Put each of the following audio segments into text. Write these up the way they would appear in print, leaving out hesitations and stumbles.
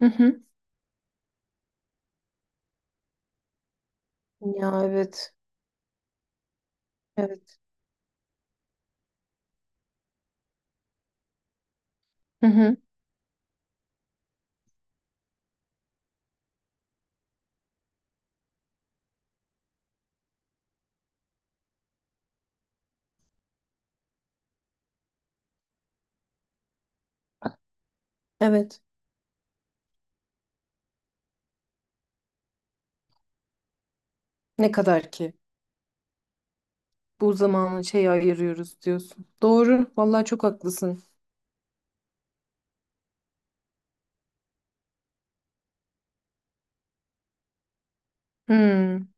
Hı hı. Ya, evet. Evet. Hı hı. Evet. Ne kadar ki bu zamanı şey ayırıyoruz diyorsun. Doğru. Vallahi çok haklısın. Hmm.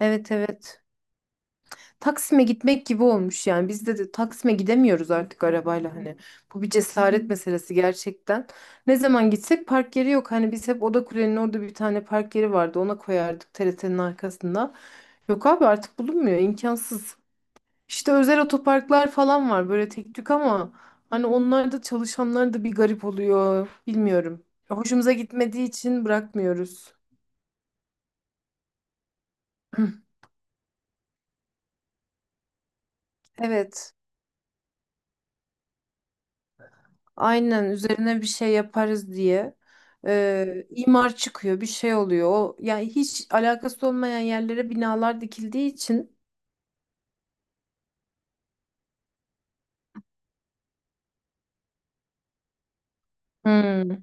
Evet, evet. Taksim'e gitmek gibi olmuş yani. Biz de Taksim'e gidemiyoruz artık arabayla hani. Bu bir cesaret meselesi gerçekten. Ne zaman gitsek park yeri yok. Hani biz hep Oda Kule'nin orada bir tane park yeri vardı. Ona koyardık TRT'nin arkasında. Yok abi artık bulunmuyor. İmkansız. İşte özel otoparklar falan var böyle tek tük ama hani onlar da çalışanlar da bir garip oluyor. Bilmiyorum. Hoşumuza gitmediği için bırakmıyoruz. Evet. Aynen üzerine bir şey yaparız diye. İmar çıkıyor, bir şey oluyor. O, yani hiç alakası olmayan yerlere binalar dikildiği için. Hmm,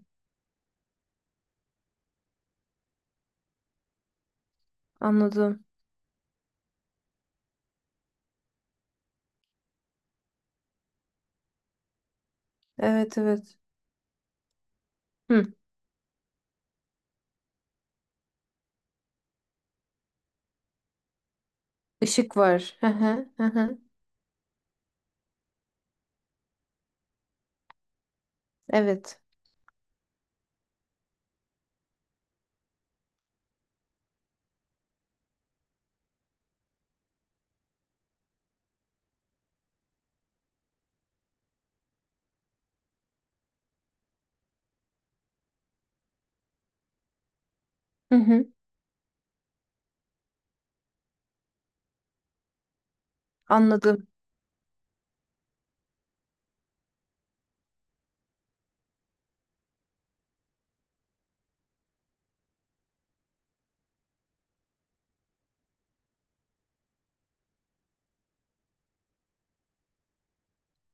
anladım. Evet, evet. Hı, ışık var. Hı hı, hı hı. Evet. Hı hı, anladım.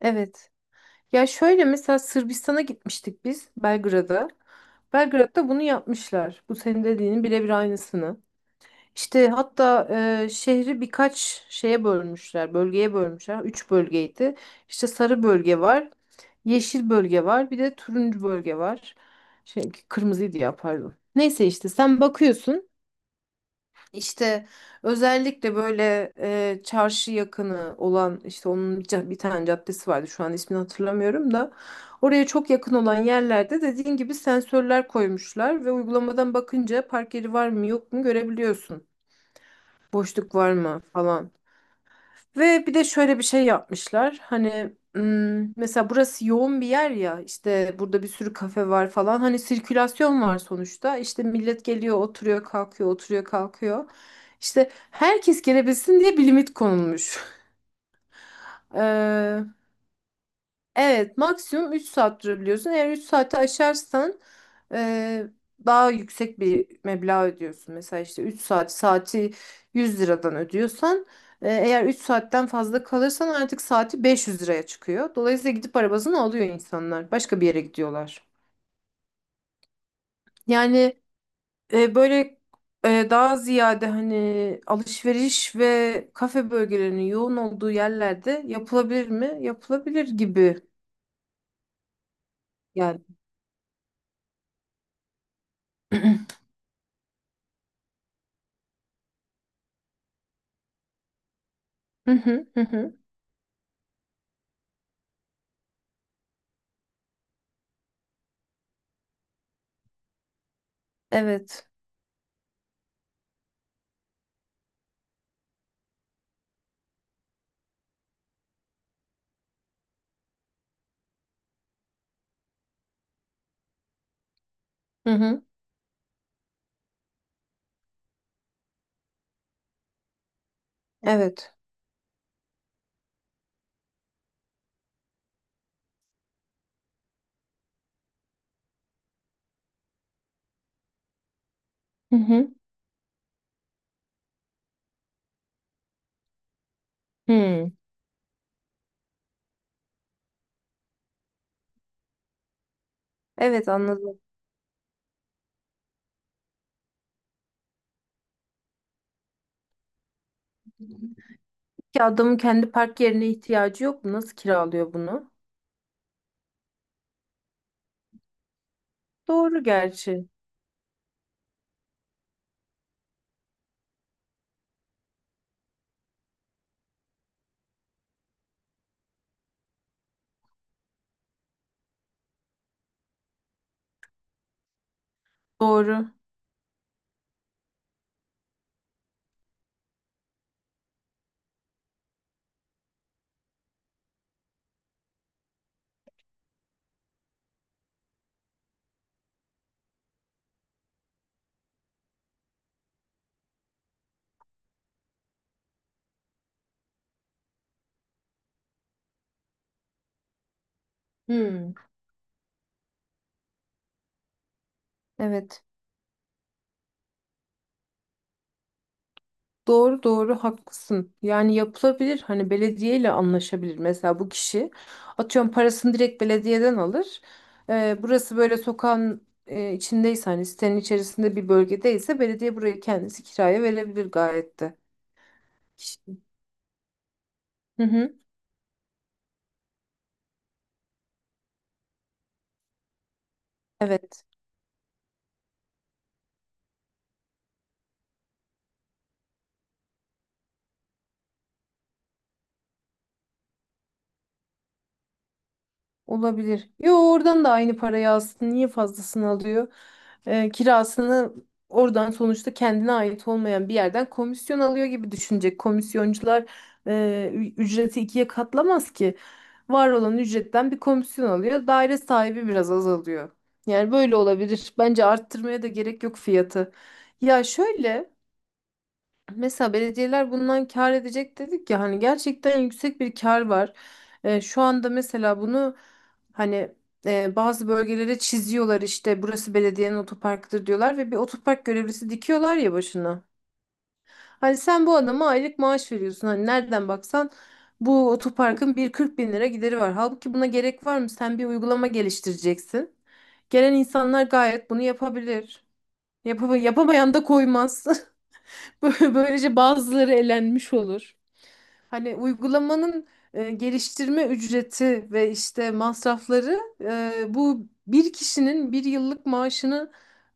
Evet. Ya şöyle, mesela Sırbistan'a gitmiştik biz, Belgrad'a. Belgrad'da bunu yapmışlar. Bu senin dediğinin birebir aynısını. İşte hatta şehri birkaç şeye bölmüşler, bölgeye bölmüşler. Üç bölgeydi. İşte sarı bölge var, yeşil bölge var, bir de turuncu bölge var. Şey, kırmızıydı ya, pardon. Neyse, işte sen bakıyorsun. İşte özellikle böyle çarşı yakını olan, işte onun bir bir tane caddesi vardı, şu an ismini hatırlamıyorum da oraya çok yakın olan yerlerde, dediğin gibi, sensörler koymuşlar ve uygulamadan bakınca park yeri var mı yok mu görebiliyorsun. Boşluk var mı falan. Ve bir de şöyle bir şey yapmışlar. Hani mesela burası yoğun bir yer ya. İşte burada bir sürü kafe var falan. Hani sirkülasyon var sonuçta. İşte millet geliyor, oturuyor, kalkıyor, oturuyor, kalkıyor. İşte herkes gelebilsin diye bir limit konulmuş. Evet, maksimum 3 saat durabiliyorsun. Eğer 3 saati aşarsan eee, daha yüksek bir meblağ ödüyorsun. Mesela işte 3 saat saati 100 liradan ödüyorsan eğer 3 saatten fazla kalırsan artık saati 500 liraya çıkıyor. Dolayısıyla gidip arabasını alıyor insanlar. Başka bir yere gidiyorlar. Yani böyle daha ziyade hani alışveriş ve kafe bölgelerinin yoğun olduğu yerlerde yapılabilir mi? Yapılabilir gibi. Yani. Hı hı, hı hı. Evet. Hı hı. Evet. Hı hı. Hı. Evet, anladım. Ki adamın kendi park yerine ihtiyacı yok mu? Nasıl kiralıyor bunu? Doğru gerçi. Doğru. Hmm. Evet. Doğru doğru haklısın. Yani yapılabilir. Hani belediyeyle anlaşabilir. Mesela bu kişi atıyorum parasını direkt belediyeden alır. Burası böyle sokağın içindeyse, hani sitenin içerisinde bir bölgedeyse, belediye burayı kendisi kiraya verebilir gayet de. Kişi- Hı hı. Evet. Olabilir. Yo, oradan da aynı parayı alsın. Niye fazlasını alıyor? Kirasını oradan, sonuçta kendine ait olmayan bir yerden komisyon alıyor gibi düşünecek. Komisyoncular ücreti ikiye katlamaz ki. Var olan ücretten bir komisyon alıyor. Daire sahibi biraz azalıyor. Yani böyle olabilir. Bence arttırmaya da gerek yok fiyatı. Ya şöyle. Mesela belediyeler bundan kâr edecek dedik ya, hani gerçekten yüksek bir kâr var. Şu anda mesela bunu hani bazı bölgelere çiziyorlar, işte burası belediyenin otoparkıdır diyorlar ve bir otopark görevlisi dikiyorlar ya başına. Hani sen bu adama aylık maaş veriyorsun, hani nereden baksan bu otoparkın bir 40 bin lira gideri var. Halbuki buna gerek var mı? Sen bir uygulama geliştireceksin. Gelen insanlar gayet bunu yapabilir. Yapamayan da koymaz. Böylece bazıları elenmiş olur. Hani uygulamanın geliştirme ücreti ve işte masrafları bu bir kişinin bir yıllık maaşını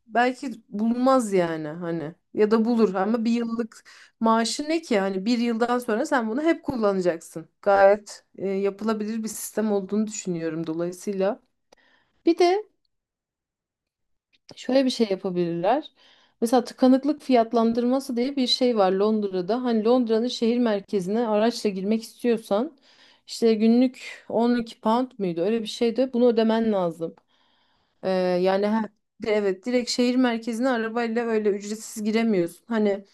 belki bulmaz yani, hani, ya da bulur ama bir yıllık maaşı ne ki, hani bir yıldan sonra sen bunu hep kullanacaksın. Gayet yapılabilir bir sistem olduğunu düşünüyorum dolayısıyla. Bir de şöyle bir şey yapabilirler. Mesela tıkanıklık fiyatlandırması diye bir şey var Londra'da. Hani Londra'nın şehir merkezine araçla girmek istiyorsan işte günlük £12 muydu? Öyle bir şey de bunu ödemen lazım. Ee, Yani, evet, direkt şehir merkezine arabayla öyle ücretsiz giremiyorsun. Hani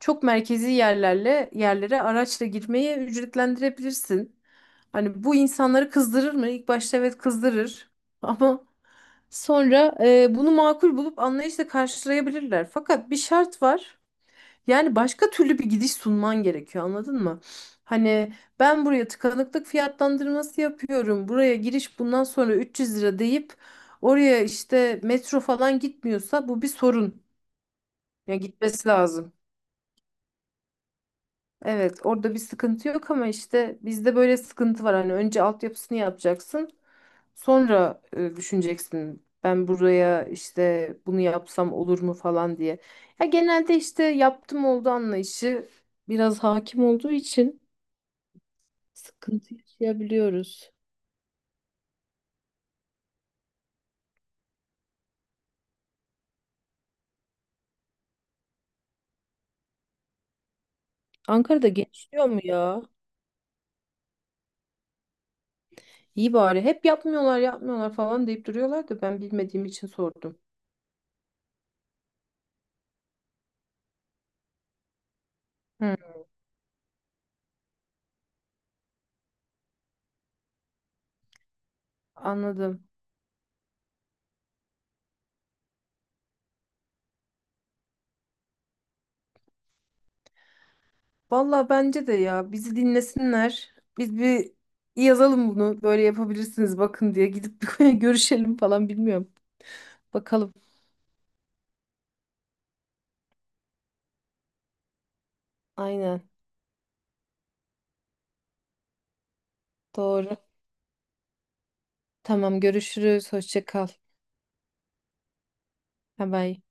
çok merkezi yerlerle yerlere araçla girmeyi ücretlendirebilirsin. Hani bu insanları kızdırır mı? İlk başta, evet, kızdırır. Ama sonra bunu makul bulup anlayışla karşılayabilirler. Fakat bir şart var. Yani başka türlü bir gidiş sunman gerekiyor, anladın mı? Hani ben buraya tıkanıklık fiyatlandırması yapıyorum. Buraya giriş bundan sonra 300 lira deyip oraya işte metro falan gitmiyorsa, bu bir sorun. Ya gitmesi lazım. Evet, orada bir sıkıntı yok ama işte bizde böyle sıkıntı var. Hani önce altyapısını yapacaksın, sonra düşüneceksin. Ben buraya işte bunu yapsam olur mu falan diye. Ya genelde işte yaptım oldu anlayışı biraz hakim olduğu için sıkıntı yaşayabiliyoruz. Ankara'da gençliyor mu ya? İyi bari. Hep yapmıyorlar, yapmıyorlar falan deyip duruyorlar da ben bilmediğim için sordum. Hı, anladım. Valla bence de, ya, bizi dinlesinler. Biz bir yazalım bunu, böyle yapabilirsiniz bakın, diye gidip bir görüşelim falan, bilmiyorum. Bakalım. Aynen, doğru. Tamam, görüşürüz. Hoşça kal. Bye bye.